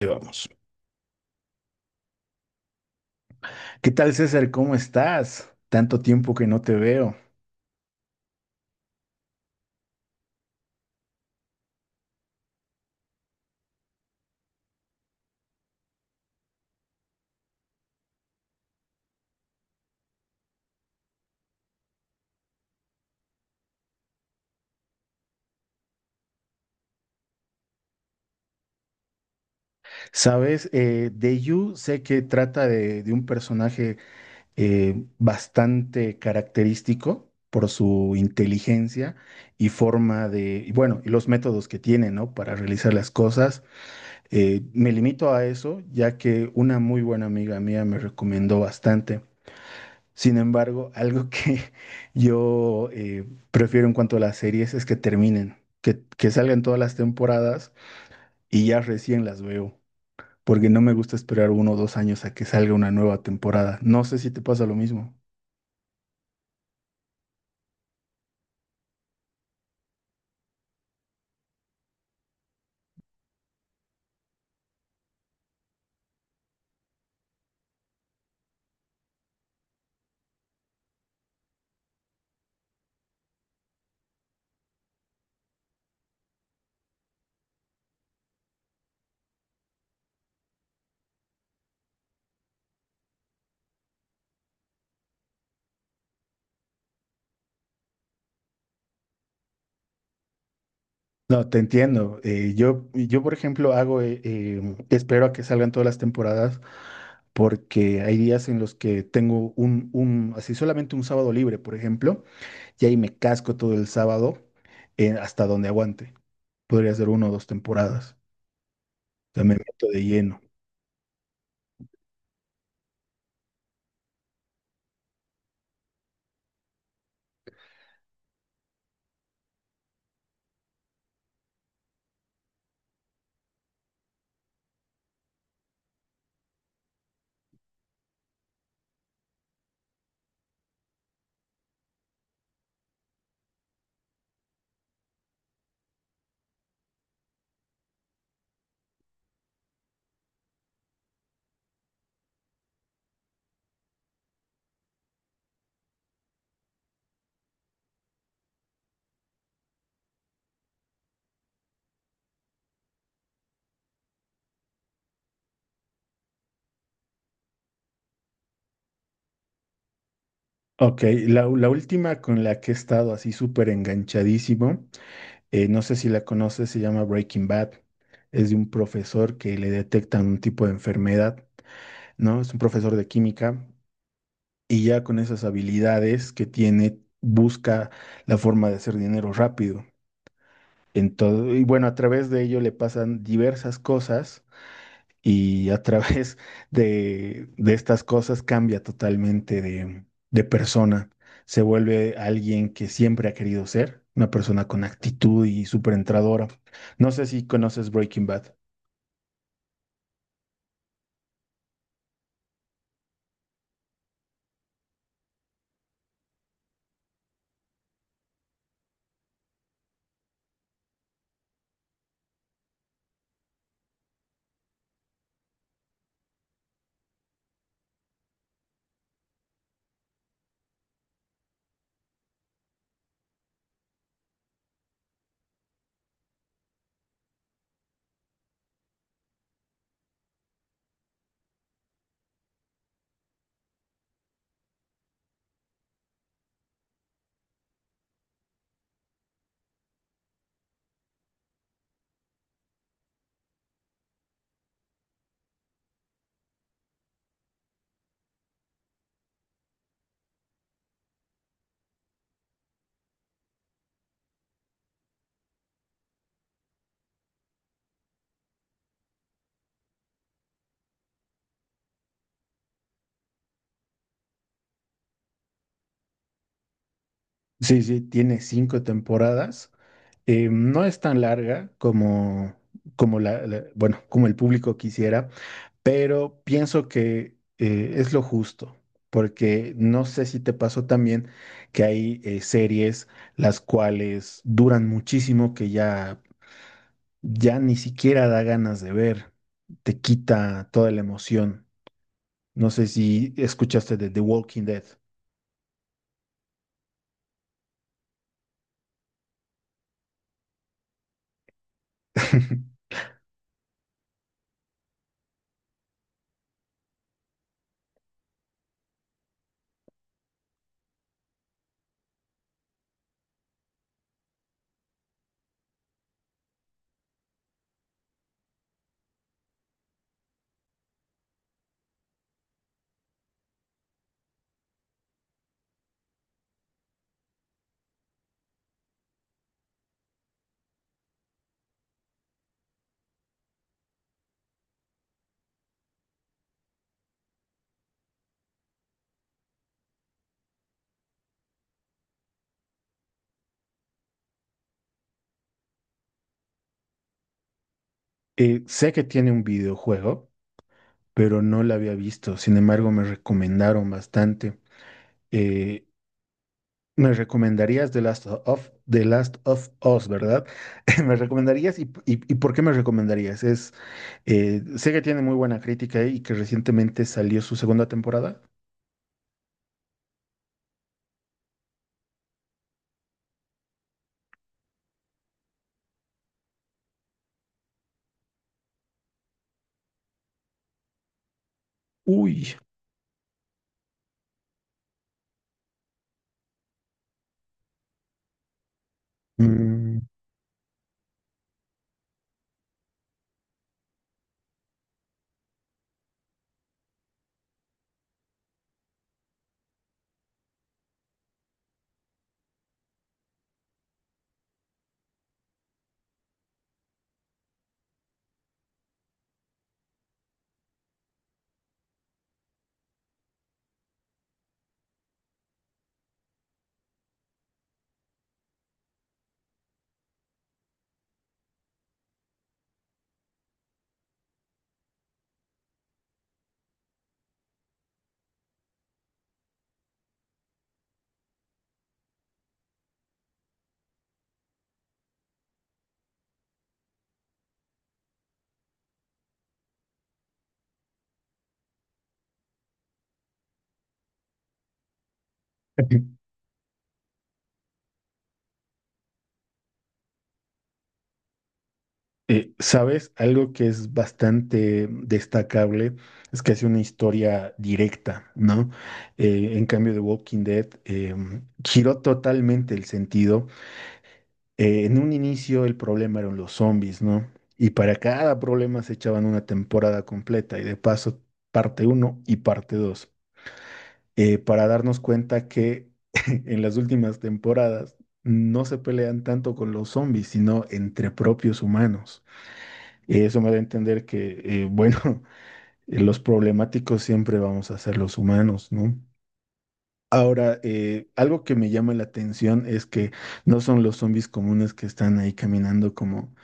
Ahí vamos. ¿Qué tal, César? ¿Cómo estás? Tanto tiempo que no te veo. Sabes, de You sé que trata de un personaje bastante característico por su inteligencia y forma de, y bueno, y los métodos que tiene, ¿no? Para realizar las cosas. Me limito a eso, ya que una muy buena amiga mía me recomendó bastante. Sin embargo, algo que yo prefiero en cuanto a las series es que terminen, que salgan todas las temporadas y ya recién las veo, porque no me gusta esperar uno o dos años a que salga una nueva temporada. No sé si te pasa lo mismo. No, te entiendo. Yo, por ejemplo, hago, espero a que salgan todas las temporadas porque hay días en los que tengo un así solamente un sábado libre, por ejemplo, y ahí me casco todo el sábado hasta donde aguante. Podría ser uno o dos temporadas. O sea, me meto de lleno. Ok, la última con la que he estado así súper enganchadísimo, no sé si la conoces, se llama Breaking Bad. Es de un profesor que le detectan un tipo de enfermedad, ¿no? Es un profesor de química y ya con esas habilidades que tiene, busca la forma de hacer dinero rápido. Y bueno, a través de ello le pasan diversas cosas y a través de estas cosas cambia totalmente de persona. Se vuelve alguien que siempre ha querido ser, una persona con actitud y súper entradora. No sé si conoces Breaking Bad. Sí, sí, tiene cinco temporadas. No es tan larga como, bueno, como el público quisiera, pero pienso que es lo justo, porque no sé si te pasó también que hay series las cuales duran muchísimo que ya, ya ni siquiera da ganas de ver, te quita toda la emoción. No sé si escuchaste de The Walking Dead. Sé que tiene un videojuego. Pero no la había visto. Sin embargo, me recomendaron bastante. Eh, me recomendarías The Last of Us, ¿verdad? ¿Me recomendarías y por qué me recomendarías? Es, sé que tiene muy buena crítica y que recientemente salió su segunda temporada. Uy. Mm. ¿Sabes? Algo que es bastante destacable es que hace una historia directa, ¿no? En cambio de Walking Dead, giró totalmente el sentido en un inicio el problema eran los zombies, ¿no? Y para cada problema se echaban una temporada completa y de paso parte uno y parte 2, para darnos cuenta que en las últimas temporadas no se pelean tanto con los zombies, sino entre propios humanos. Eso me da a entender que, bueno, los problemáticos siempre vamos a ser los humanos, ¿no? Ahora, algo que me llama la atención es que no son los zombies comunes que están ahí caminando como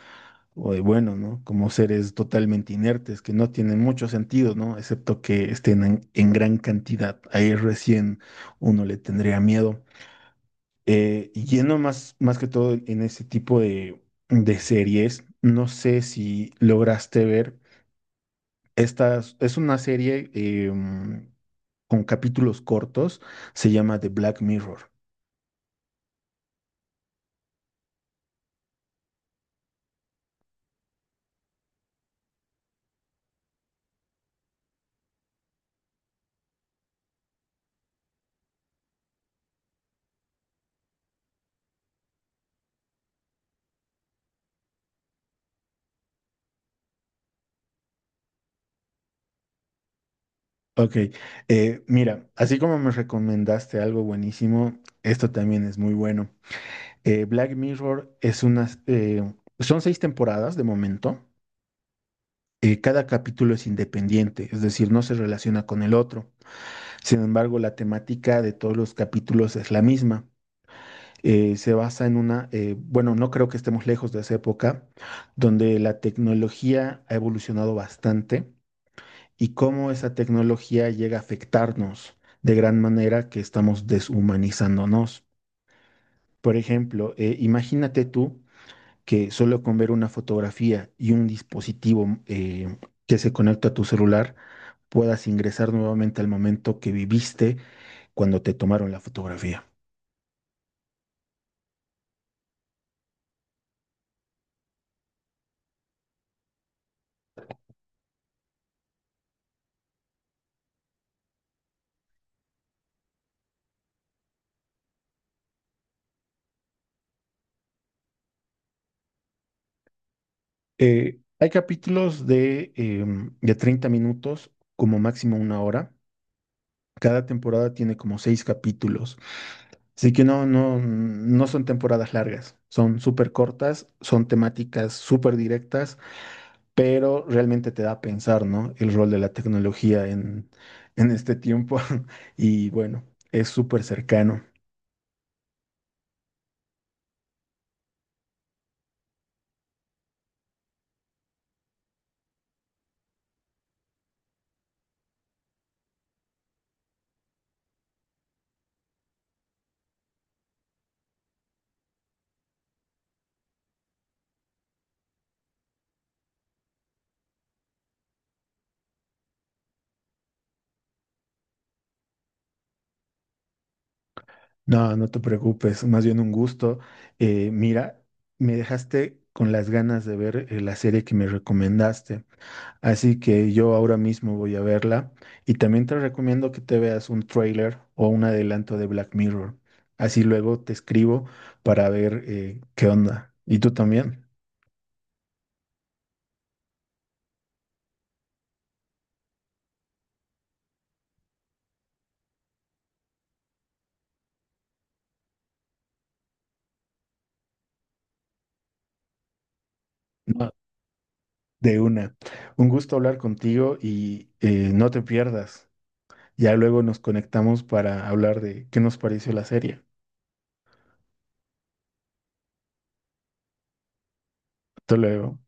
o de bueno, ¿no? Como seres totalmente inertes, que no tienen mucho sentido, ¿no? Excepto que estén en gran cantidad. Ahí recién uno le tendría miedo. Y yendo más, más que todo en ese tipo de series, no sé si lograste ver, esta es una serie con capítulos cortos, se llama The Black Mirror. Ok, mira, así como me recomendaste algo buenísimo, esto también es muy bueno. Black Mirror es unas, son seis temporadas de momento. Cada capítulo es independiente, es decir, no se relaciona con el otro. Sin embargo, la temática de todos los capítulos es la misma. Se basa en una, bueno, no creo que estemos lejos de esa época, donde la tecnología ha evolucionado bastante y cómo esa tecnología llega a afectarnos de gran manera que estamos deshumanizándonos. Por ejemplo, imagínate tú que solo con ver una fotografía y un dispositivo que se conecta a tu celular puedas ingresar nuevamente al momento que viviste cuando te tomaron la fotografía. Hay capítulos de, de 30 minutos, como máximo una hora. Cada temporada tiene como seis capítulos. Así que no, no, no son temporadas largas, son súper cortas, son temáticas súper directas, pero realmente te da a pensar, ¿no? El rol de la tecnología en este tiempo. Y bueno, es súper cercano. No, no te preocupes, más bien un gusto. Mira, me dejaste con las ganas de ver la serie que me recomendaste. Así que yo ahora mismo voy a verla y también te recomiendo que te veas un trailer o un adelanto de Black Mirror. Así luego te escribo para ver qué onda. ¿Y tú también? No. De una. Un gusto hablar contigo y no te pierdas. Ya luego nos conectamos para hablar de qué nos pareció la serie. Hasta luego.